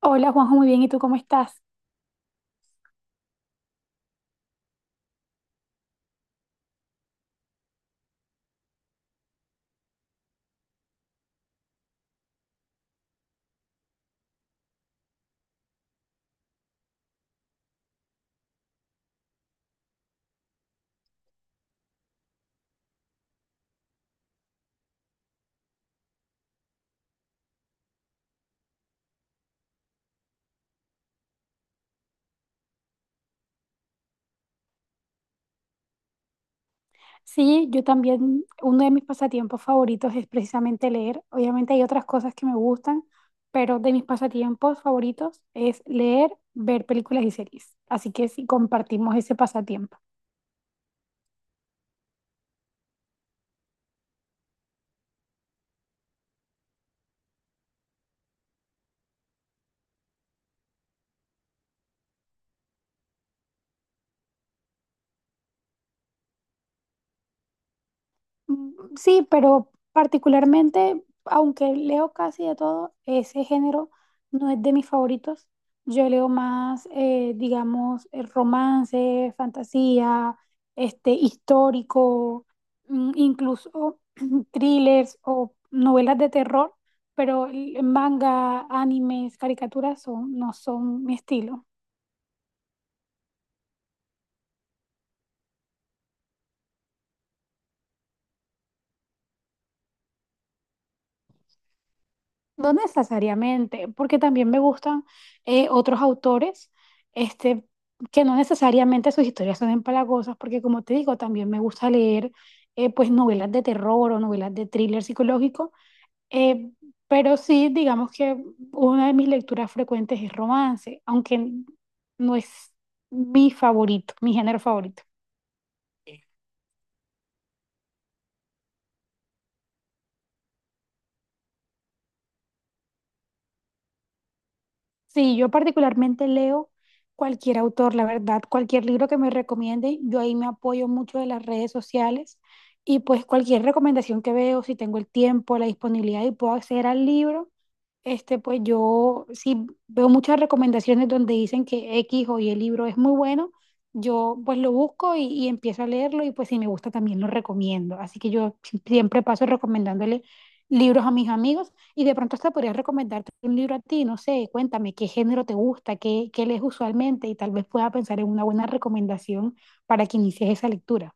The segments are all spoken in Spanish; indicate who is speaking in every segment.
Speaker 1: Hola Juanjo, muy bien. ¿Y tú cómo estás? Sí, yo también, uno de mis pasatiempos favoritos es precisamente leer. Obviamente hay otras cosas que me gustan, pero de mis pasatiempos favoritos es leer, ver películas y series. Así que sí, compartimos ese pasatiempo. Mm, sí, pero particularmente, aunque leo casi de todo, ese género no es de mis favoritos. Yo leo más, digamos, romance, fantasía, histórico, incluso thrillers o novelas de terror, pero el manga, animes, caricaturas son, no son mi estilo. No necesariamente, porque también me gustan otros autores, este, que no necesariamente sus historias son empalagosas, porque como te digo, también me gusta leer pues novelas de terror o novelas de thriller psicológico, eh, pero sí, digamos que una de mis lecturas frecuentes es romance, aunque no es mi favorito, mi género favorito. Sí, yo particularmente leo cualquier autor, la verdad, cualquier libro que me recomiende. Yo ahí me apoyo mucho de las redes sociales y pues cualquier recomendación que veo, si tengo el tiempo, la disponibilidad y puedo acceder al libro. Pues yo sí veo muchas recomendaciones donde dicen que X o Y el libro es muy bueno. Yo pues lo busco y empiezo a leerlo, y pues si me gusta también lo recomiendo. Así que yo siempre paso recomendándole libros a mis amigos, y de pronto hasta podría recomendarte un libro a ti. No sé, cuéntame qué género te gusta, qué lees usualmente, y tal vez pueda pensar en una buena recomendación para que inicies esa lectura.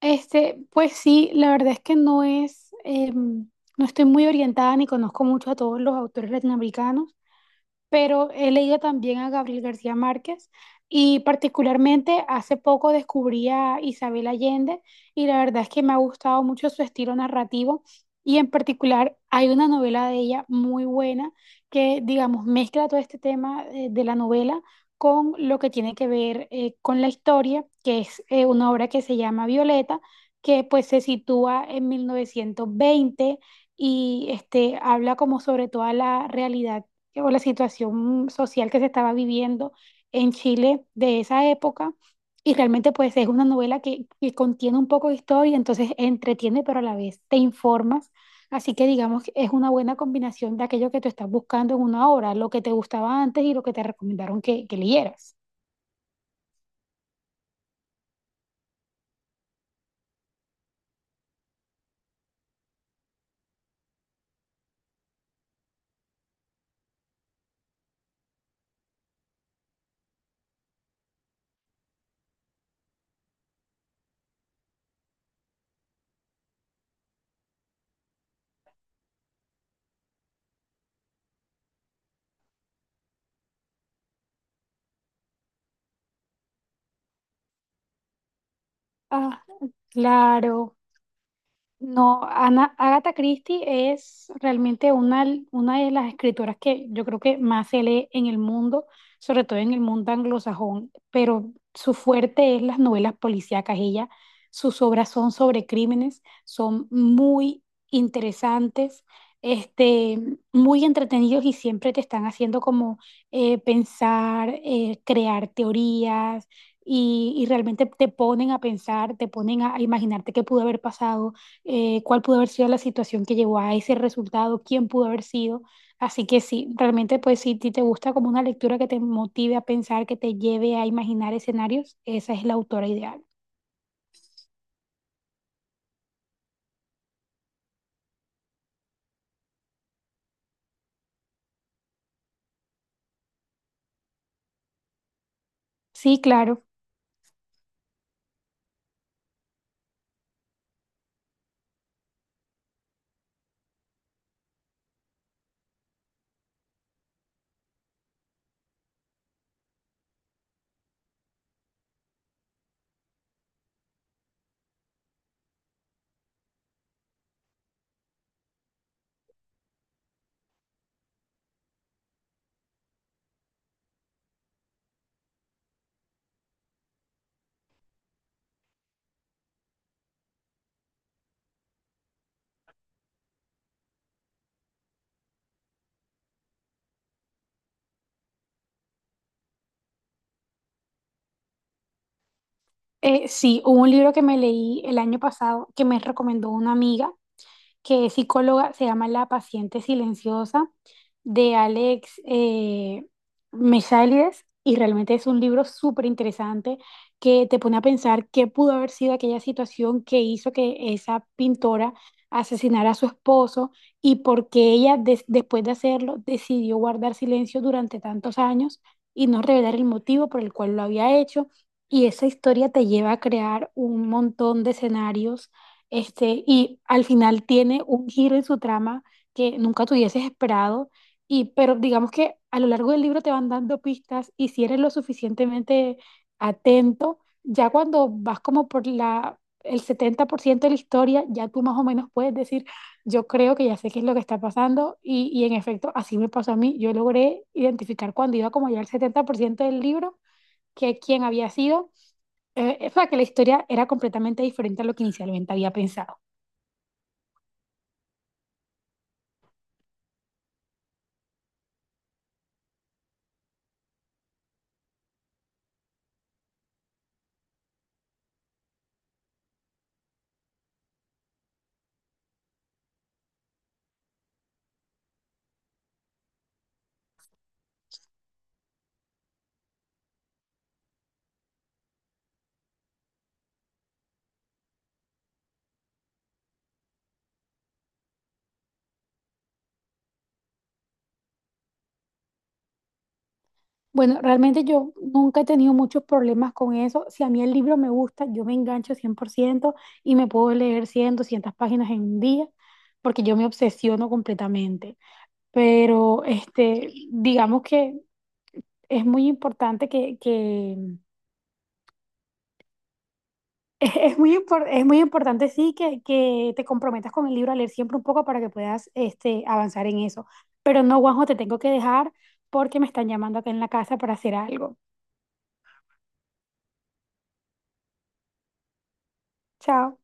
Speaker 1: Pues sí, la verdad es que no, es, no estoy muy orientada ni conozco mucho a todos los autores latinoamericanos, pero he leído también a Gabriel García Márquez, y particularmente hace poco descubrí a Isabel Allende, y la verdad es que me ha gustado mucho su estilo narrativo. Y en particular hay una novela de ella muy buena que, digamos, mezcla todo este tema, de la novela con lo que tiene que ver, con la historia, que es, una obra que se llama Violeta, que pues se sitúa en 1920, y habla como sobre toda la realidad que por la situación social que se estaba viviendo en Chile de esa época. Y realmente pues es una novela que contiene un poco de historia, entonces entretiene, pero a la vez te informas. Así que digamos que es una buena combinación de aquello que tú estás buscando en una obra, lo que te gustaba antes y lo que te recomendaron que leyeras. Ah, claro. No, Ana, Agatha Christie es realmente una de las escritoras que yo creo que más se lee en el mundo, sobre todo en el mundo anglosajón, pero su fuerte es las novelas policíacas. Ella, sus obras son sobre crímenes, son muy interesantes, este, muy entretenidos, y siempre te están haciendo como, pensar, crear teorías. Y realmente te ponen a pensar, te ponen a imaginarte qué pudo haber pasado, cuál pudo haber sido la situación que llevó a ese resultado, quién pudo haber sido. Así que sí, realmente pues si ti te gusta como una lectura que te motive a pensar, que te lleve a imaginar escenarios, esa es la autora ideal. Sí, claro. Sí, hubo un libro que me leí el año pasado que me recomendó una amiga que es psicóloga, se llama La paciente silenciosa, de Alex, Mesalides, y realmente es un libro súper interesante que te pone a pensar qué pudo haber sido aquella situación que hizo que esa pintora asesinara a su esposo, y por qué ella después de hacerlo decidió guardar silencio durante tantos años y no revelar el motivo por el cual lo había hecho. Y esa historia te lleva a crear un montón de escenarios, y al final tiene un giro en su trama que nunca te hubieses esperado. Y, pero digamos que a lo largo del libro te van dando pistas, y si eres lo suficientemente atento, ya cuando vas como por la, el 70% de la historia, ya tú más o menos puedes decir, yo creo que ya sé qué es lo que está pasando. Y en efecto, así me pasó a mí. Yo logré identificar, cuando iba como ya al 70% del libro, que quién había sido. O sea, que la historia era completamente diferente a lo que inicialmente había pensado. Bueno, realmente yo nunca he tenido muchos problemas con eso. Si a mí el libro me gusta, yo me engancho 100% y me puedo leer 100, 200 páginas en un día, porque yo me obsesiono completamente. Pero digamos que es muy importante, es muy es muy importante, sí, que te comprometas con el libro a leer siempre un poco para que puedas, avanzar en eso. Pero no, Juanjo, te tengo que dejar porque me están llamando acá en la casa para hacer algo. Chao.